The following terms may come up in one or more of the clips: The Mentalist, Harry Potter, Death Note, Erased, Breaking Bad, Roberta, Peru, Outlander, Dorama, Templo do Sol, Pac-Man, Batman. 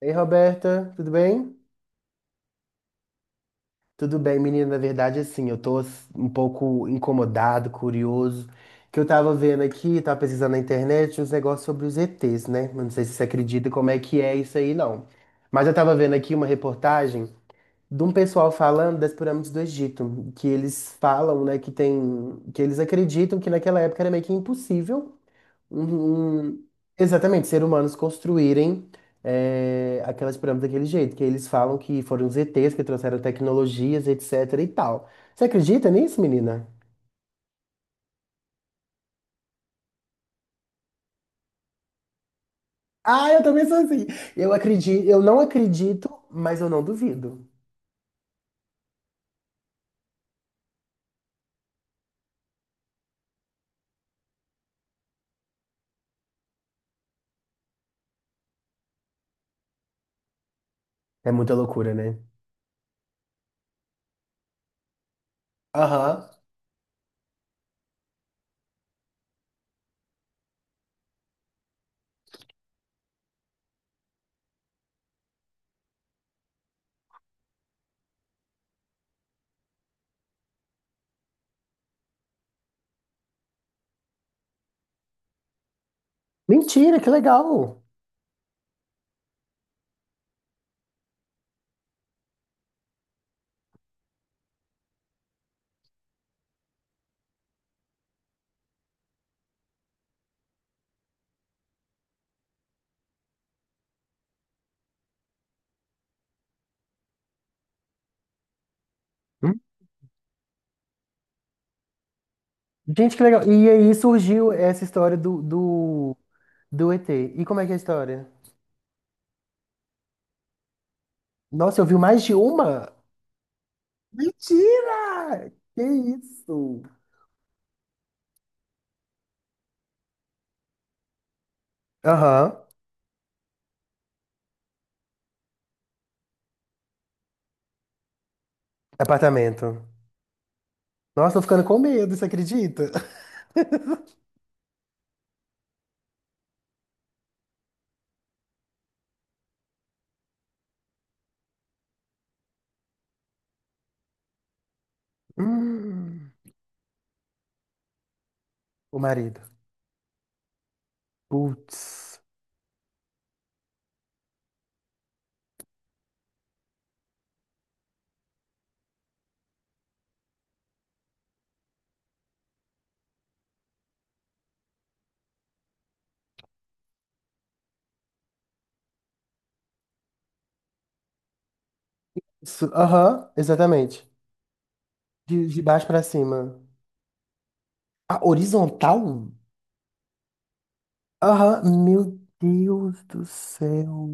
Ei, Roberta, tudo bem? Tudo bem, menina. Na verdade, assim, um pouco incomodado, curioso, que eu tava vendo aqui, tava pesquisando na internet uns negócios sobre os ETs, né? Eu não sei se você acredita como é que é isso aí, não. Mas eu tava vendo aqui uma reportagem de um pessoal falando das pirâmides do Egito, que eles falam, né, que tem, que eles acreditam que naquela época era meio que impossível. Uhum. Exatamente, seres humanos construírem aquelas pirâmides daquele jeito, que eles falam que foram os ETs que trouxeram tecnologias, etc e tal. Você acredita nisso, menina? Ah, eu também sou assim. Eu acredito, eu não acredito, mas eu não duvido. É muita loucura, né? Aham. Mentira, que legal! Hum? Gente, que legal. E aí surgiu essa história do, do ET. E como é que é a história? Nossa, eu vi mais de uma? Mentira! Que isso? Aham, apartamento. Nossa, tô ficando com medo, você acredita? Hum, o marido. Putz. Su- Aham, exatamente. De baixo pra cima. Ah, horizontal? Aham, meu Deus do céu.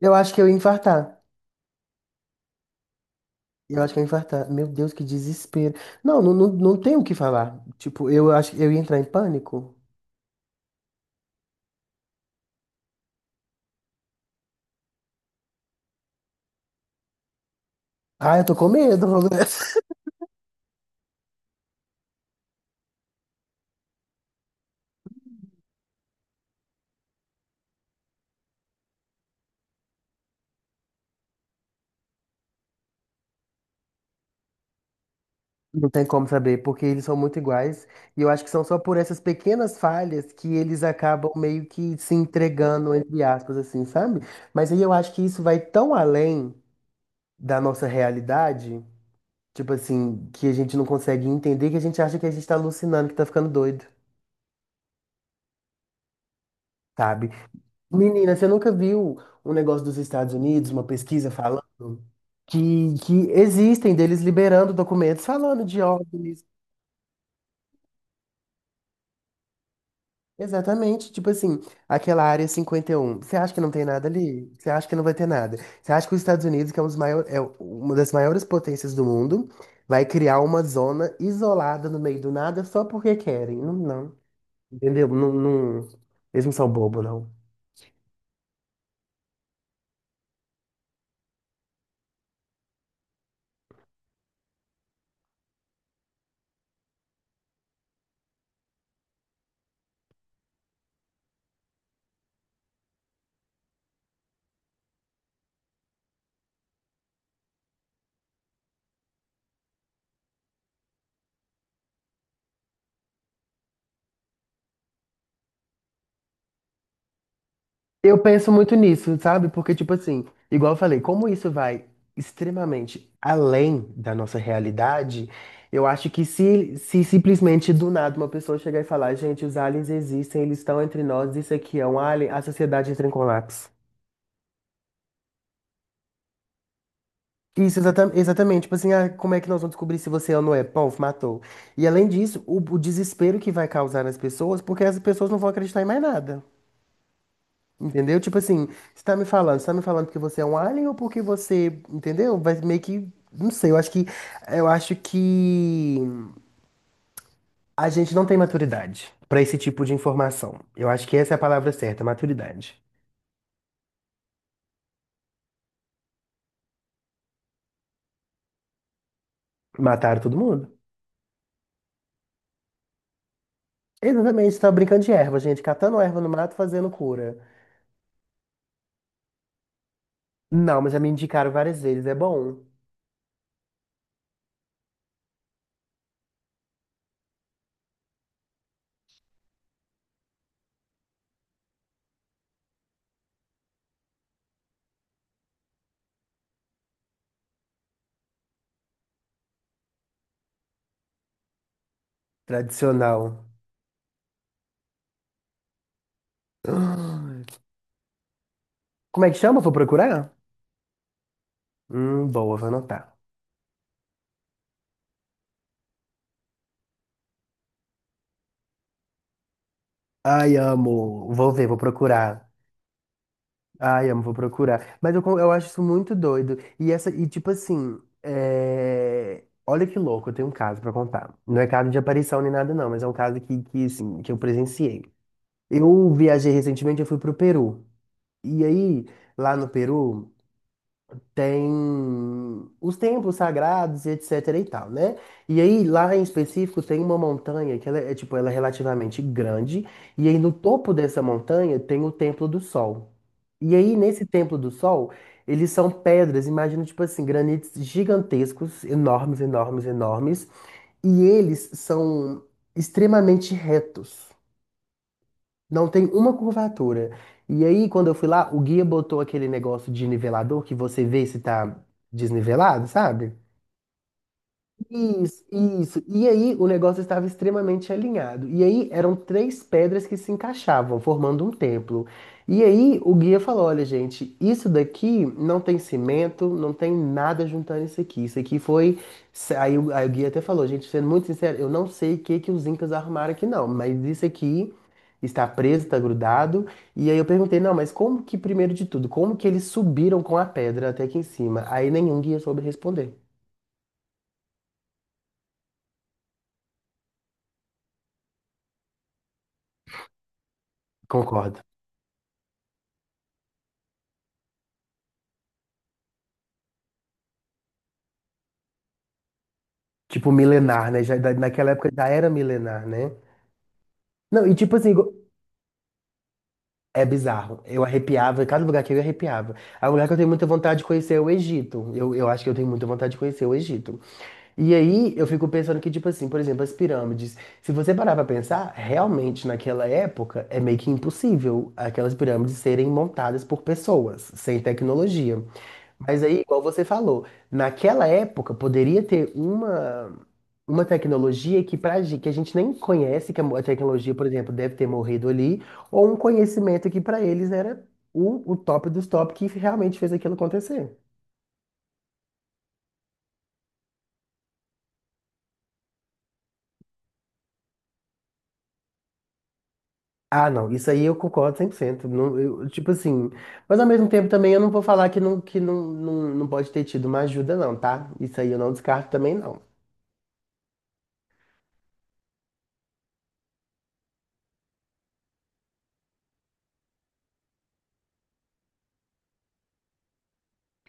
Eu acho que eu ia infartar. Eu acho que eu ia infartar. Meu Deus, que desespero. Não, não, não, não tem o que falar. Tipo, eu acho que eu ia entrar em pânico. Ah, eu tô com medo. Não tem como saber, porque eles são muito iguais. E eu acho que são só por essas pequenas falhas que eles acabam meio que se entregando, entre aspas, assim, sabe? Mas aí eu acho que isso vai tão além da nossa realidade, tipo assim, que a gente não consegue entender, que a gente acha que a gente tá alucinando, que tá ficando doido, sabe? Menina, você nunca viu um negócio dos Estados Unidos, uma pesquisa falando que existem deles liberando documentos falando de OVNIs. Exatamente, tipo assim, aquela área cinquenta e um. Você acha que não tem nada ali? Você acha que não vai ter nada? Você acha que os Estados Unidos, que é, um dos maior, é uma das maiores potências do mundo, vai criar uma zona isolada no meio do nada só porque querem? Não, não. Entendeu? Não, não- Eles não são bobo, não. Eu penso muito nisso, sabe? Porque, tipo assim, igual eu falei, como isso vai extremamente além da nossa realidade, eu acho que se simplesmente do nada uma pessoa chegar e falar, gente, os aliens existem, eles estão entre nós, isso aqui é um alien, a sociedade entra em colapso. Isso, exata- exatamente. Tipo assim, ah, como é que nós vamos descobrir se você é ou não é? Pô, matou. E além disso, o desespero que vai causar nas pessoas, porque as pessoas não vão acreditar em mais nada. Entendeu? Tipo assim, você tá me falando, você tá me falando porque você é um alien ou porque você, entendeu? Vai meio que, não sei, eu acho que a gente não tem maturidade pra esse tipo de informação. Eu acho que essa é a palavra certa, maturidade. Mataram todo mundo? Exatamente, tá brincando de erva, gente, catando erva no mato, fazendo cura. Não, mas já me indicaram várias vezes, é bom. Tradicional. Ah, como é que chama? Vou procurar? Boa, vou anotar. Ai, amo. Vou ver, vou procurar. Ai, amo, vou procurar. Mas eu, con- eu acho isso muito doido. E essa, e tipo assim, é, olha que louco, eu tenho um caso pra contar. Não é caso de aparição nem nada, não, mas é um caso que, assim, que eu presenciei. Eu viajei recentemente, eu fui pro Peru. E aí, lá no Peru tem os templos sagrados e etc e tal, né? E aí lá em específico tem uma montanha que ela é tipo, ela é relativamente grande e aí no topo dessa montanha tem o Templo do Sol. E aí nesse Templo do Sol, eles são pedras, imagina tipo assim, granitos gigantescos, enormes, enormes, enormes, e eles são extremamente retos. Não tem uma curvatura. E aí, quando eu fui lá, o guia botou aquele negócio de nivelador que você vê se tá desnivelado, sabe? Isso, isso. E aí o negócio estava extremamente alinhado. E aí eram três pedras que se encaixavam, formando um templo. E aí o guia falou: olha, gente, isso daqui não tem cimento, não tem nada juntando isso aqui. Isso aqui foi. Aí o guia até falou: gente, sendo muito sincero, eu não sei o que que os incas arrumaram aqui, não, mas isso aqui. Está preso, está grudado. E aí eu perguntei, não, mas como que, primeiro de tudo, como que eles subiram com a pedra até aqui em cima? Aí nenhum guia soube responder. Concordo. Tipo, milenar, né? Já, da- naquela época já era milenar, né? Não, e tipo assim, go- é bizarro. Eu arrepiava, cada lugar que eu ia, arrepiava. A lugar que eu tenho muita vontade de conhecer é o Egito. Eu acho que eu tenho muita vontade de conhecer o Egito. E aí eu fico pensando que, tipo assim, por exemplo, as pirâmides. Se você parar pra pensar, realmente naquela época é meio que impossível aquelas pirâmides serem montadas por pessoas, sem tecnologia. Mas aí, igual você falou, naquela época poderia ter uma tecnologia que, pra, gen- que a gente nem conhece, que a mo- a tecnologia, por exemplo, deve ter morrido ali, ou um conhecimento que para eles era o top dos top que realmente fez aquilo acontecer. Ah, não, isso aí eu concordo 100%. Não, eu, tipo assim, mas ao mesmo tempo também eu não vou falar que não, não, não pode ter tido uma ajuda, não, tá? Isso aí eu não descarto também, não.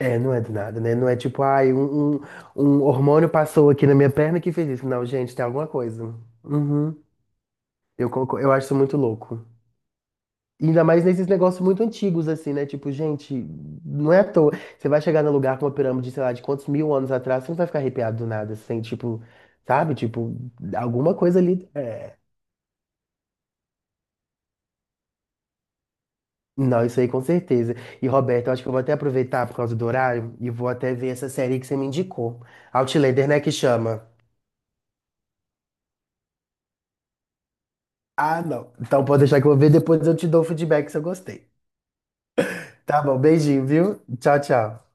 É, não é do nada, né? Não é tipo, ai, um hormônio passou aqui na minha perna que fez isso. Não, gente, tem alguma coisa. Uhum. Eu, conco- eu acho isso muito louco. E ainda mais nesses negócios muito antigos, assim, né? Tipo, gente, não é à toa. Você vai chegar num lugar com uma pirâmide, sei lá, de quantos mil anos atrás, você não vai ficar arrepiado do nada, assim, tipo, sabe? Tipo, alguma coisa ali. É. Não, isso aí com certeza. E, Roberto, eu acho que eu vou até aproveitar por causa do horário e vou até ver essa série que você me indicou. Outlander, né, que chama? Ah, não. Então pode deixar que eu vou ver, depois eu te dou o feedback se eu gostei. Tá bom, beijinho, viu? Tchau, tchau.